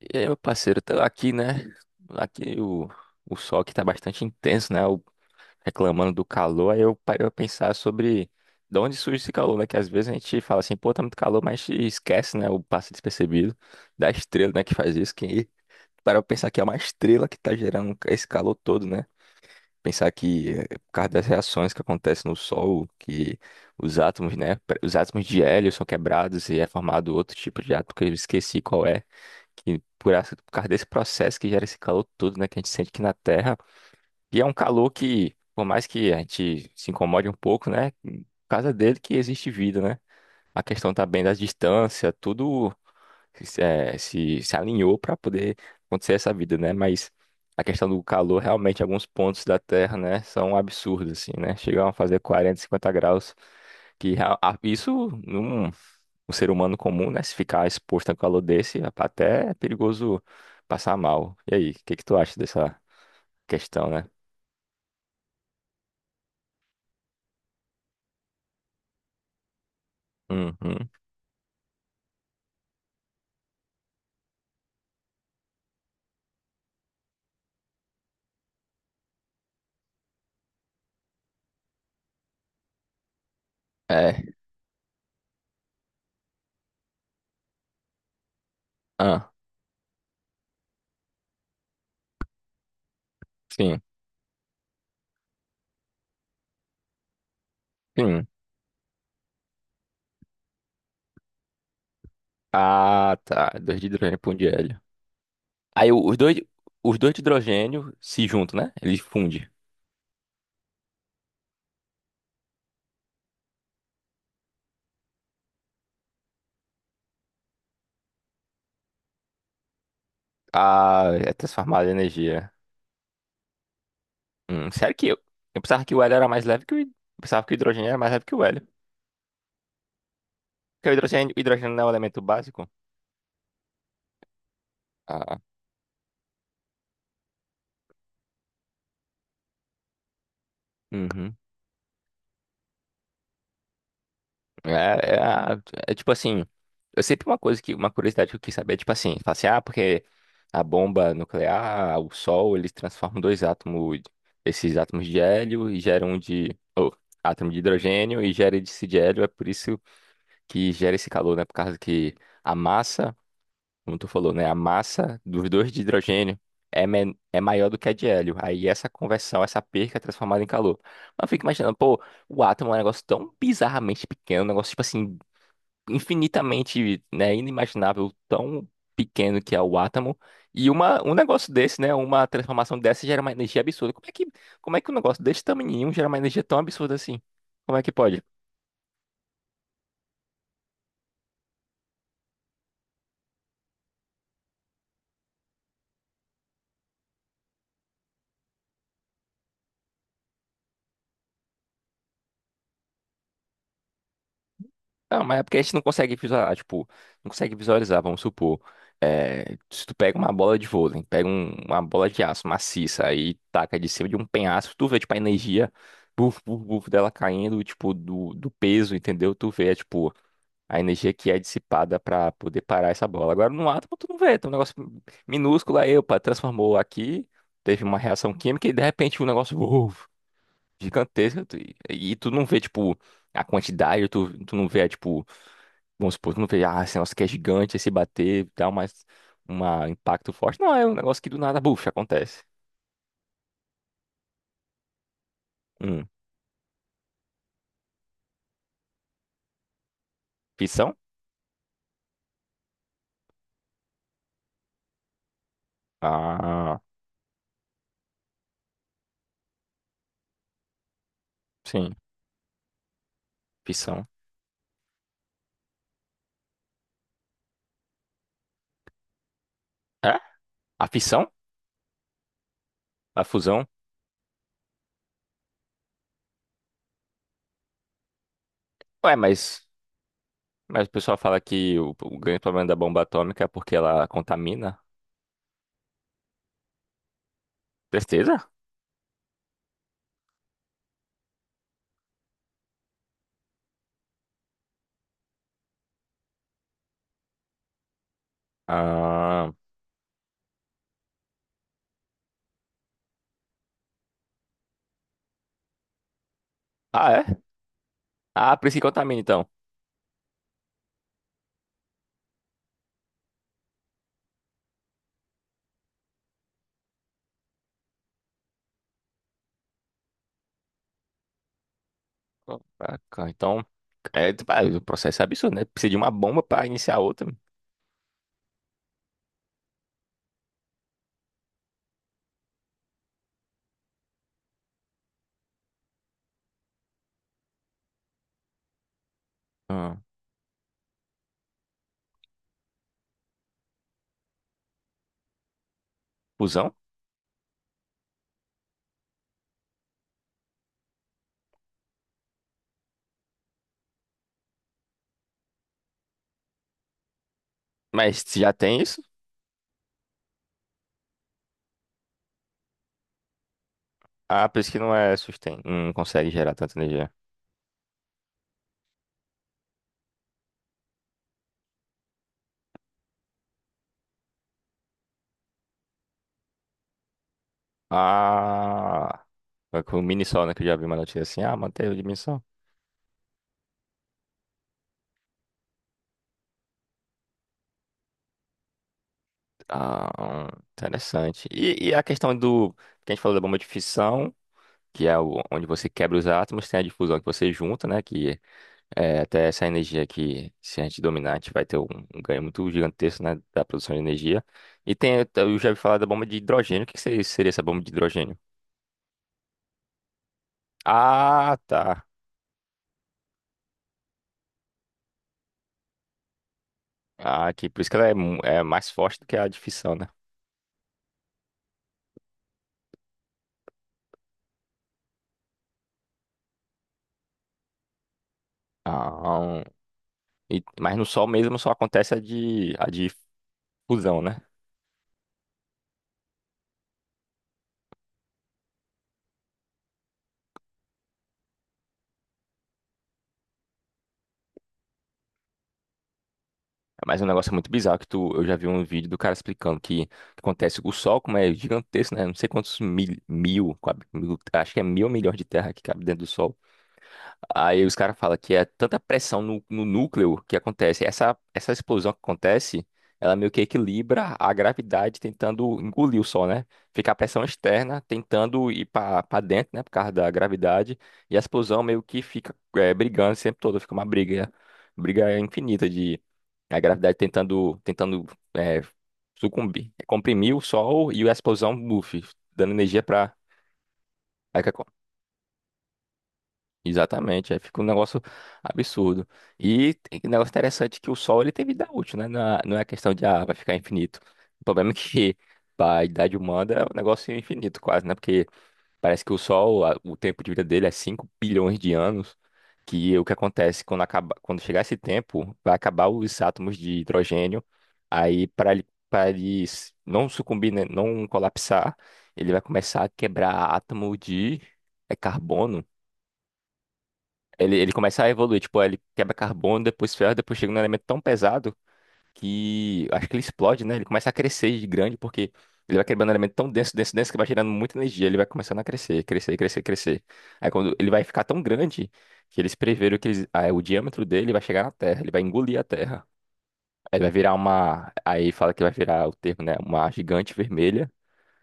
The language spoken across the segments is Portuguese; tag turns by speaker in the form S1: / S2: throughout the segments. S1: E aí, meu parceiro, tá aqui, né? Aqui o sol que tá bastante intenso, né? Reclamando do calor, aí eu parei a pensar sobre de onde surge esse calor, né? Que às vezes a gente fala assim, pô, tá muito calor, mas esquece, né? O passo despercebido da estrela, né? Que faz isso, que para eu pensar que é uma estrela que tá gerando esse calor todo, né? Pensar que é por causa das reações que acontecem no Sol, que os átomos, né? Os átomos de hélio são quebrados e é formado outro tipo de átomo que eu esqueci qual é que por, por causa desse processo que gera esse calor todo, né, que a gente sente aqui na Terra. E é um calor que, por mais que a gente se incomode um pouco, né, por causa dele que existe vida, né? A questão também da distância, tudo se, eh, se alinhou para poder acontecer essa vida, né? Mas a questão do calor, realmente, alguns pontos da Terra, né, são absurdos, assim, né? Chegam a fazer 40, 50 graus, que isso num um ser humano comum, né? Se ficar exposto a um calor desse, até é perigoso passar mal. E aí, o que que tu acha dessa questão, né? Uhum. É. Ah, sim. Sim. Ah, tá. Dois de hidrogênio para um de hélio. Aí os dois de hidrogênio se juntam, né? Eles fundem. Ah, é transformado em energia. Sério que eu pensava que o hélio era mais leve que eu pensava que o hidrogênio era mais leve que o hélio. Porque o hidrogênio não é um elemento básico. Ah, uhum. É, é, a- É tipo assim, eu sempre uma coisa que, uma curiosidade que eu quis saber, é tipo assim, fala assim, ah, porque a bomba nuclear, o sol, eles transformam dois átomos, esses átomos de hélio e geram oh, átomo de hidrogênio e gera esse de hélio, é por isso que gera esse calor, né? Por causa que a massa como tu falou, né? A massa dos dois de hidrogênio é, é maior do que a de hélio. Aí essa conversão, essa perca é transformada em calor. Mas eu fico imaginando, pô, o átomo é um negócio tão bizarramente pequeno, um negócio, tipo assim, infinitamente, né, inimaginável, tão pequeno que é o átomo. E uma, um negócio desse, né, uma transformação dessa gera uma energia absurda. Como é que um negócio desse tamanhinho gera uma energia tão absurda assim? Como é que pode? Não, mas é porque a gente não consegue visualizar, tipo, não consegue visualizar, vamos supor. É, se tu pega uma bola de vôlei, pega uma bola de aço maciça aí taca de cima de um penhasco, tu vê, tipo, a energia, buf, buf, buf, dela caindo, tipo, do peso, entendeu? Tu vê, tipo, a energia que é dissipada pra poder parar essa bola. Agora, no átomo, tu não vê, tem um negócio minúsculo aí, opa, transformou aqui, teve uma reação química e, de repente, um negócio, uf, gigantesco, tu- e, tu não vê, tipo, a quantidade, tu não vê, tipo. Vamos supor, tu não vê, ah, esse negócio que é gigante, esse bater, dá mais um impacto forte. Não, é um negócio que do nada, buf, acontece. Hum, fissão? Ah, sim, fissão. É? A fissão? A fusão? Ué, mas o pessoal fala que o grande problema da bomba atômica é porque ela contamina. Certeza? Ah, ah, é? Ah, por isso que contamina, então. Ah, então, é, tipo, ah, o processo é absurdo, né? Precisa de uma bomba para iniciar outra. Ah, fusão? Mas já tem isso? Ah, por isso que não é sustain. Não consegue gerar tanta energia. Ah, é com o mini sol, né? Que eu já vi uma notícia assim. Ah, manteve o de mini sol. Ah, interessante. E a questão do. Que a gente falou da bomba de fissão, que é onde você quebra os átomos, tem a difusão que você junta, né? Que é até essa energia que, se a gente dominar, a gente vai ter um, um ganho muito gigantesco, né? Da produção de energia. E tem. Eu já vi falar da bomba de hidrogênio. O que que seria essa bomba de hidrogênio? Ah, tá. Ah, aqui, por isso que ela é, é mais forte do que a de fissão, né? Ah, um- mas no Sol mesmo só acontece a de fusão, né? Mas é um negócio muito bizarro que tu, eu já vi um vídeo do cara explicando que acontece o Sol, como é gigantesco, né? Não sei quantos mil, mil, quadri- mil- acho que é mil milhões de terra que cabe dentro do Sol. Aí os caras falam que é tanta pressão no núcleo que acontece. Essa explosão que acontece, ela meio que equilibra a gravidade tentando engolir o Sol, né? Fica a pressão externa tentando ir para dentro, né? Por causa da gravidade. E a explosão meio que fica é, brigando sempre todo. Fica uma briga infinita de a gravidade tentando é, sucumbir, é comprimir o Sol e a explosão, buff, dando energia para. Exatamente, aí fica um negócio absurdo. E tem um negócio interessante que o Sol ele tem vida útil, né? Não é questão de ah, vai ficar infinito. O problema é que para a idade humana é um negócio infinito quase, né? Porque parece que o Sol, o tempo de vida dele é 5 bilhões de anos, que o que acontece quando acaba, quando chegar esse tempo, vai acabar os átomos de hidrogênio. Aí para ele não sucumbir, né? Não colapsar, ele vai começar a quebrar átomo de é carbono. Ele começa a evoluir, tipo, ele quebra carbono, depois ferro, depois chega num elemento tão pesado que acho que ele explode, né? Ele começa a crescer de grande porque ele vai quebrando um elemento tão denso, denso, denso que vai gerando muita energia. Ele vai começando a crescer, crescer, crescer, crescer. Aí quando ele vai ficar tão grande que eles preveram que ah, é, o diâmetro dele vai chegar na Terra, ele vai engolir a Terra. Aí vai virar uma. Aí fala que vai virar o termo, né? Uma gigante vermelha.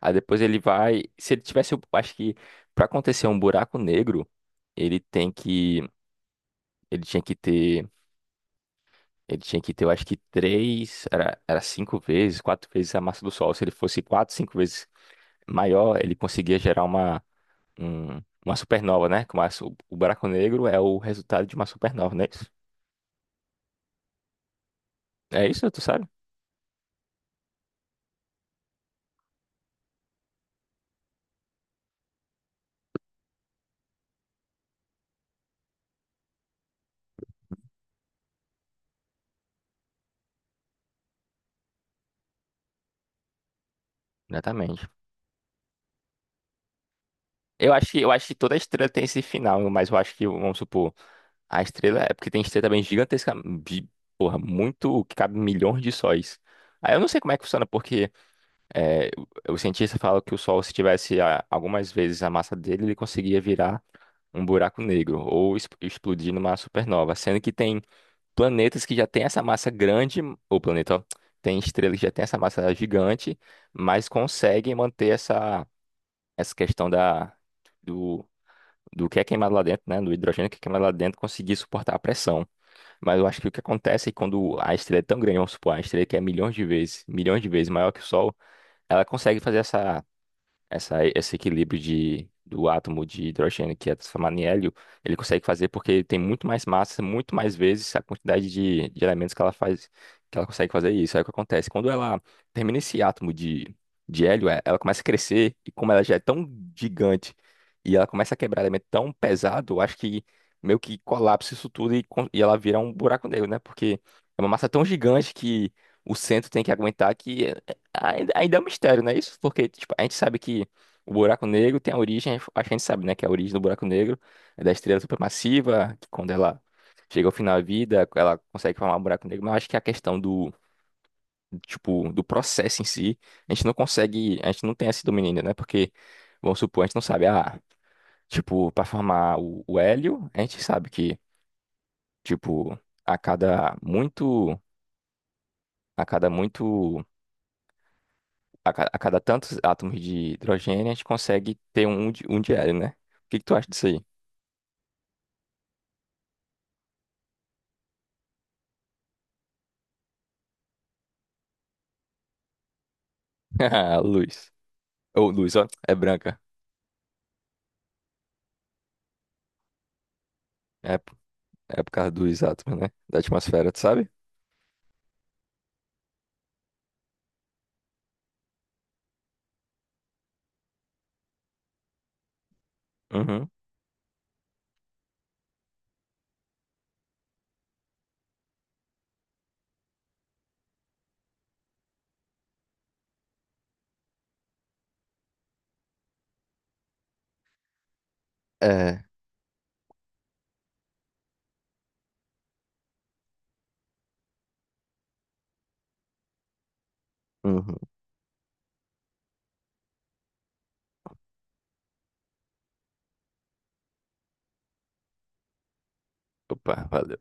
S1: Aí depois ele vai. Se ele tivesse. Acho que pra acontecer um buraco negro, ele tem que. Ele tinha que ter. Ele tinha que ter, eu acho que três, era cinco vezes, quatro vezes a massa do Sol. Se ele fosse quatro, cinco vezes maior, ele conseguia gerar uma, uma supernova, né? Como o buraco negro é o resultado de uma supernova, não é isso? É isso, tu sabe? Exatamente. Eu acho que toda estrela tem esse final, mas eu acho que, vamos supor, a estrela é porque tem estrela também gigantesca, porra, muito, que cabe milhões de sóis. Aí eu não sei como é que funciona, porque é, o cientista fala que o Sol, se tivesse algumas vezes a massa dele, ele conseguia virar um buraco negro ou explodir numa supernova, sendo que tem planetas que já têm essa massa grande, ou planeta, ó, tem estrelas que já têm essa massa gigante, mas conseguem manter essa, essa questão da, do, do que é queimado lá dentro, né, do hidrogênio que é queimado lá dentro, conseguir suportar a pressão. Mas eu acho que o que acontece é quando a estrela é tão grande, vamos supor, a estrela que é milhões de vezes maior que o Sol, ela consegue fazer essa esse equilíbrio de, do átomo de hidrogênio que é transformado em hélio, ele consegue fazer porque ele tem muito mais massa, muito mais vezes a quantidade de, elementos que ela faz, que ela consegue fazer isso. Aí o que acontece? Quando ela termina esse átomo de, hélio, é, ela começa a crescer, e como ela já é tão gigante e ela começa a quebrar elemento tão pesado, eu acho que meio que colapsa isso tudo e, e ela vira um buraco negro, né? Porque é uma massa tão gigante que o centro tem que aguentar que. Ainda é um mistério, né? Isso porque tipo, a gente sabe que o buraco negro tem a origem, acho que a gente sabe, né? Que é a origem do buraco negro é da estrela supermassiva, que quando ela chega ao final da vida, ela consegue formar um buraco negro, mas eu acho que a questão do, tipo, do processo em si, a gente não consegue, a gente não tem esse domínio ainda, né? Porque, vamos supor, a gente não sabe, ah, tipo, para formar o hélio, a gente sabe que, tipo, a cada muito, a cada muito a cada tantos átomos de hidrogênio, a gente consegue ter um, um de diário, né? O que que tu acha disso aí? Ah, luz. Ou luz, ó, é branca. É, p- É por causa dos átomos, né? Da atmosfera, tu sabe? Uhum. É. Uhum. Opa, valeu.